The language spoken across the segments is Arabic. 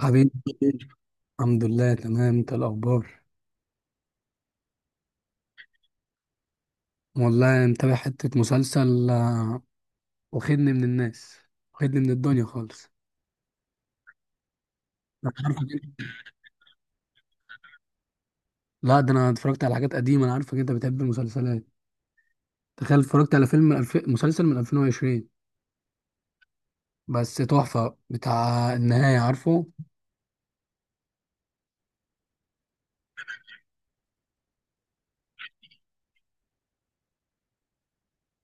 حبيبي. الحمد لله، تمام. انت الاخبار؟ والله متابع حته مسلسل، واخدني من الناس، واخدني من الدنيا خالص. أنا عارفك لا، ده انا اتفرجت على حاجات قديمه. انا عارفك انت بتحب المسلسلات. تخيل اتفرجت على مسلسل من 2020 بس تحفه. بتاع النهايه، عارفه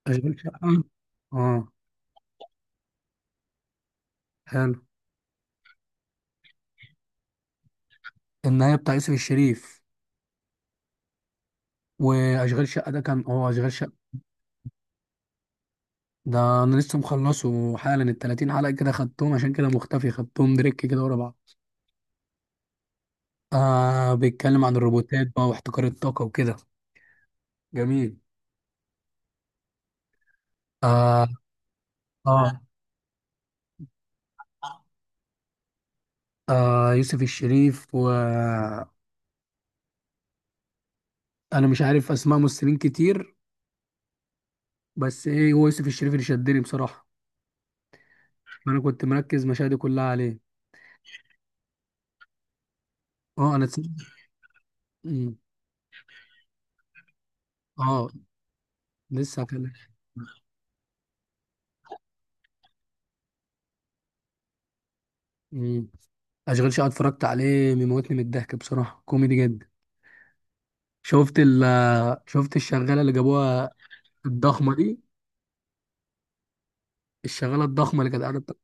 اشغال شقه؟ اه حلو. النهايه بتاع يوسف الشريف، واشغال شقه ده كان، اه، اشغال شقه. ده انا لسه مخلصه حالا ال 30 حلقه كده، خدتهم عشان كده مختفي، خدتهم دريك كده ورا بعض. آه بيتكلم عن الروبوتات بقى واحتكار الطاقة وكده. جميل. آه. آه، آه يوسف الشريف وأنا مش عارف أسماء ممثلين كتير، بس إيه، هو يوسف الشريف اللي شدني بصراحة. أنا كنت مركز مشاهدي كلها عليه. آه، أنا مم. آه، لسه هكلم. مم. أشغال شقة اتفرجت عليه، بيموتني من الضحك بصراحة، كوميدي جدا. شفت ال شفت الشغالة اللي جابوها الضخمة دي؟ الشغالة الضخمة اللي كانت قاعدة بتقول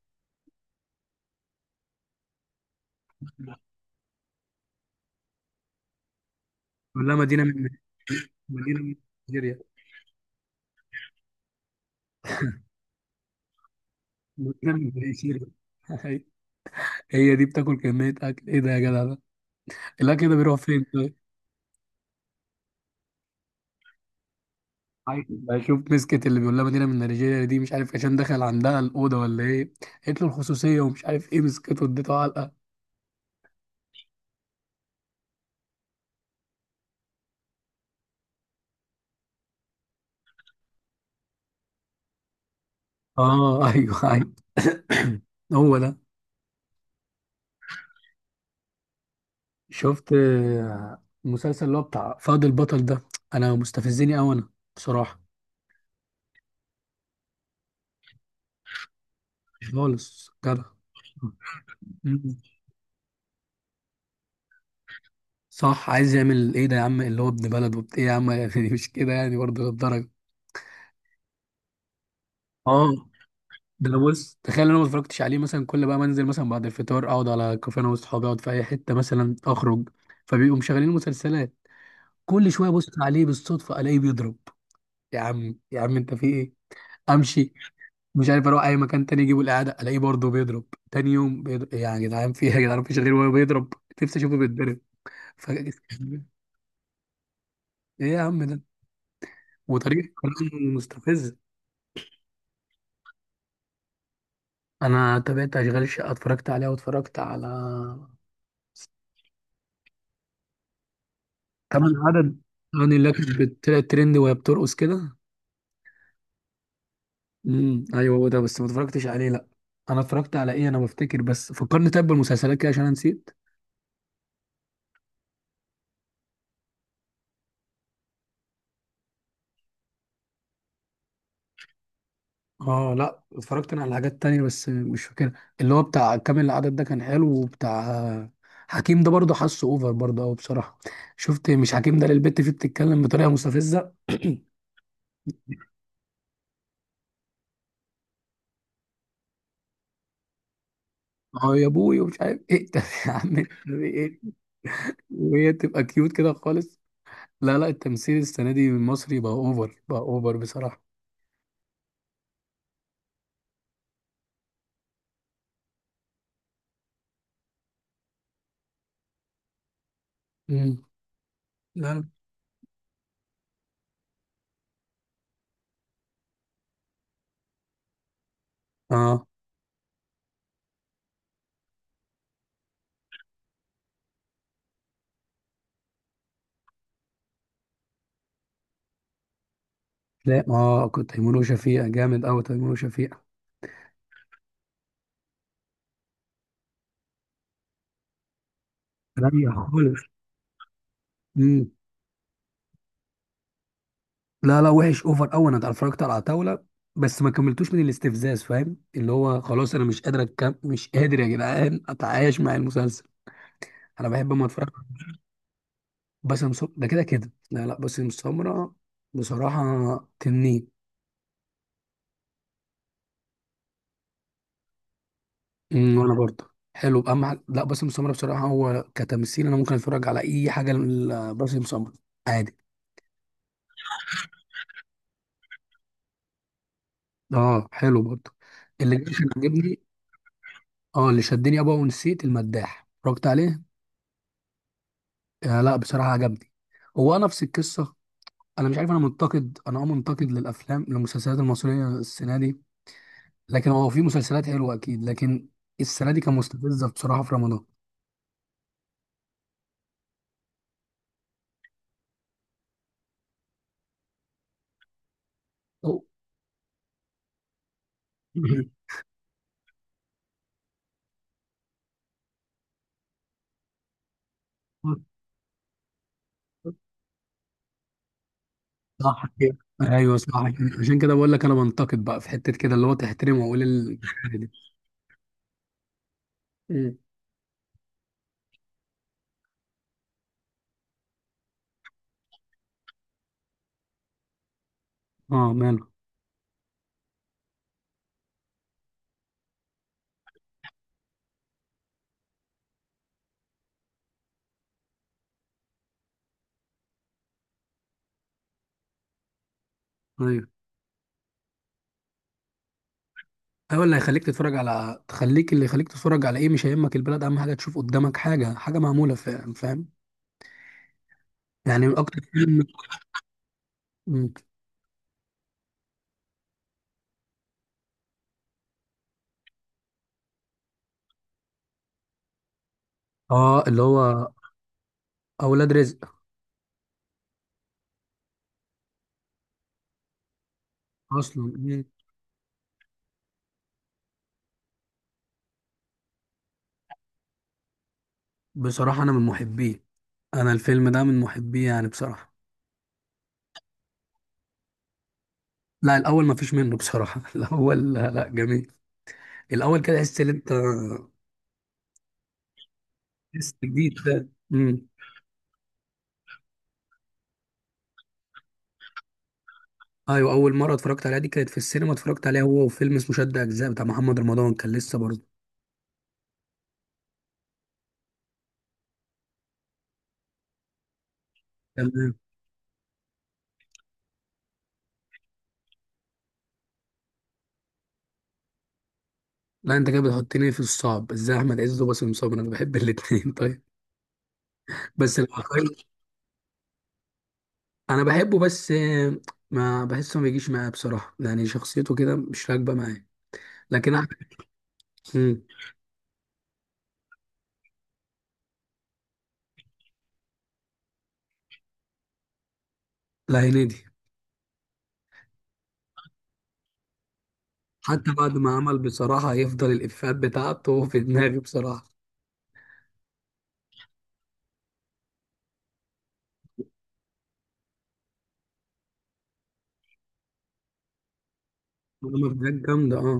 لها مدينة من، مدينة من نيجيريا، بتنام زي شيري. هي دي بتاكل كمية أكل إيه ده يا جدع؟ ده الأكل ده بيروح فين طيب؟ عايز بشوف، مسكت اللي بيقول لها مدينة من نيجيريا دي، مش عارف عشان دخل عندها الأوضة ولا إيه، قالت له الخصوصية ومش عارف إيه، مسكته اديته علقة. آه، أيوه أيوه. هو ده. شفت، المسلسل اللي هو بتاع فهد البطل ده؟ أنا مستفزني أوي أنا، بصراحة. مش خالص جدع. مم. صح، عايز يعمل إيه ده يا عم؟ اللي هو ابن بلد وبت إيه يا عم؟ يعني مش كده يعني، برضه للدرجة. اه. ده أنا، بص، تخيل انا ما اتفرجتش عليه، مثلا كل بقى منزل مثلا بعد الفطار اقعد على كافيه انا واصحابي، اقعد في اي حته مثلا اخرج، فبيبقوا مشغلين مسلسلات، كل شويه ابص عليه بالصدفه الاقيه بيضرب. يا عم يا عم انت في ايه؟ امشي. مش عارف، اروح اي مكان تاني، اجيبه الاعاده الاقيه برضه بيضرب. تاني يوم بيضرب، إيه يا جدعان في ايه يا جدعان؟ مفيش غير وهو بيضرب. نفسي اشوفه بيتضرب. ايه يا عم ده؟ وطريقه كلامه مستفزه. انا تابعت اشغال الشقه اتفرجت عليها، واتفرجت على كمان عدد. اغاني اللي كانت بتطلع ترند وهي بترقص كده. امم، ايوه هو ده، بس ما اتفرجتش عليه لا. انا اتفرجت على ايه انا، بفتكر بس، فكرني طيب بالمسلسلات كده عشان انا نسيت. اه لا، اتفرجت انا على حاجات تانية بس مش فاكرها. اللي هو بتاع كامل العدد ده كان حلو وبتاع. حكيم ده برضه حاسه اوفر برضه قوي بصراحه. شفت مش حكيم ده للبت فيه بتتكلم بطريقه مستفزه؟ اه يا ابوي، ومش عارف ايه، ده يا عم. إيه؟ وهي تبقى كيوت كده خالص. لا لا، التمثيل السنة دي المصري بقى اوفر، بقى اوفر بصراحة. امم. لا لا. اه. لا اه، كنت تيمور وشفيقة جامد قوي، تيمور وشفيقة. رايق خالص. امم. لا لا، وحش اوفر قوي. انا اتفرجت على عتاولة بس ما كملتوش من الاستفزاز، فاهم؟ اللي هو خلاص انا مش قادر مش قادر يا جدعان اتعايش مع المسلسل. انا بحب اما اتفرج. باسم سمرة ده كده كده، لا لا، باسم سمرة بصراحة تنين. امم، وانا برضه حلو بقى لا، باسم سمرة بصراحة هو كتمثيل، انا ممكن اتفرج على اي حاجة لباسم سمرة عادي. اه حلو برضه، اللي جه كان عجبني. اه، اللي شدني ابا، ونسيت المداح اتفرجت عليه. آه لا، بصراحة عجبني. هو نفس القصة. انا مش عارف، انا منتقد، انا، اه، منتقد للافلام، للمسلسلات المصرية السنة دي. لكن هو في مسلسلات حلوة اكيد، لكن السنة دي كان مستفزة بصراحة في رمضان. أو- صح كده، ايوه صح كده. عشان كده بقول لك انا بنتقد بقى في حته كده اللي هو تحترمه واقول الحاجه دي. مم. اه ماله. ايوه ايوه، اللي هيخليك تتفرج على، تخليك، اللي يخليك تتفرج على ايه، مش هيهمك البلد، اهم حاجه تشوف قدامك حاجه، حاجه معموله، فاهم، فاهم. يعني من اكتر فيلم. مم. اه اللي هو اولاد رزق. اصلا. مم. بصراحه انا من محبيه. انا الفيلم ده من محبيه يعني بصراحه. لا، الاول ما فيش منه بصراحه. الاول، لا لا، جميل. الاول كده تحس ان انت، تحس جديد ده. ايوه، اول مره اتفرجت عليها دي كانت في السينما، اتفرجت عليها هو وفيلم اسمه شد اجزاء بتاع محمد رمضان، كان لسه برضه. تمام. لا انت كده بتحطني في الصعب، ازاي احمد عز وباسم سمرة، انا بحب الاثنين. طيب. بس لو انا بحبه بس، ما بحسه، ما بيجيش معايا بصراحه، يعني شخصيته كده مش راكبه معايا، لكن احمد. مم. لا، هنيدي. حتى بعد ما عمل بصراحه هيفضل الافيهات بتاعته في دماغي بصراحه. عمل حاجات جامده، اه.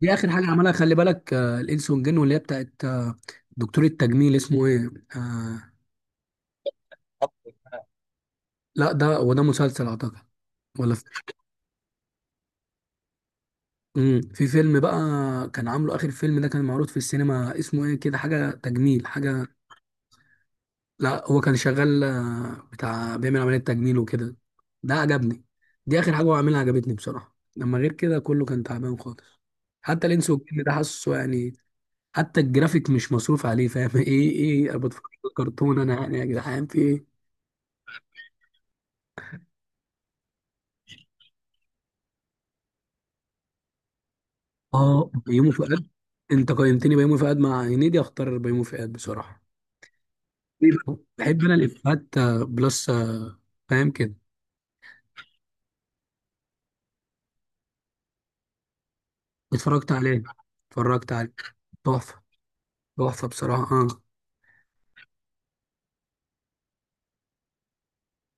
دي اخر حاجه عملها، خلي بالك، الانس والجن، واللي هي بتاعت، دكتور التجميل اسمه ايه. آه. لا، ده هو ده مسلسل اعتقد، ولا في. امم، في فيلم بقى، كان عامله اخر فيلم ده كان معروض في السينما، اسمه ايه كده، حاجه تجميل حاجه. لا هو كان شغال، بتاع بيعمل عمليه تجميل وكده. ده عجبني، دي اخر حاجه هو عاملها عجبتني بصراحه. لما غير كده كله كان تعبان خالص. حتى الانس والجن ده، حاسه يعني، حتى الجرافيك مش مصروف عليه، فاهم؟ ايه ايه، أنا بتفرج على كرتون انا يعني، يا جدعان في ايه؟ اه بيومي فؤاد. انت قيمتني بيومي فؤاد مع هنيدي، اختار بيومي فؤاد بصراحه. ليه بقى؟ بحب انا الافيهات، بلس، فاهم كده. اتفرجت عليه. اتفرجت عليه. تحفه. تحفه بصراحه، اه.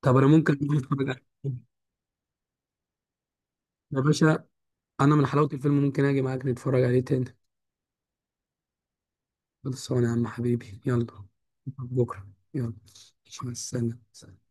طب انا ممكن أجي اتفرج عليه تاني. يا باشا، انا من حلاوه الفيلم ممكن اجي معاك نتفرج عليه تاني. خلصانه يا عم حبيبي، يلا. بكره. يلا. مع السلامه.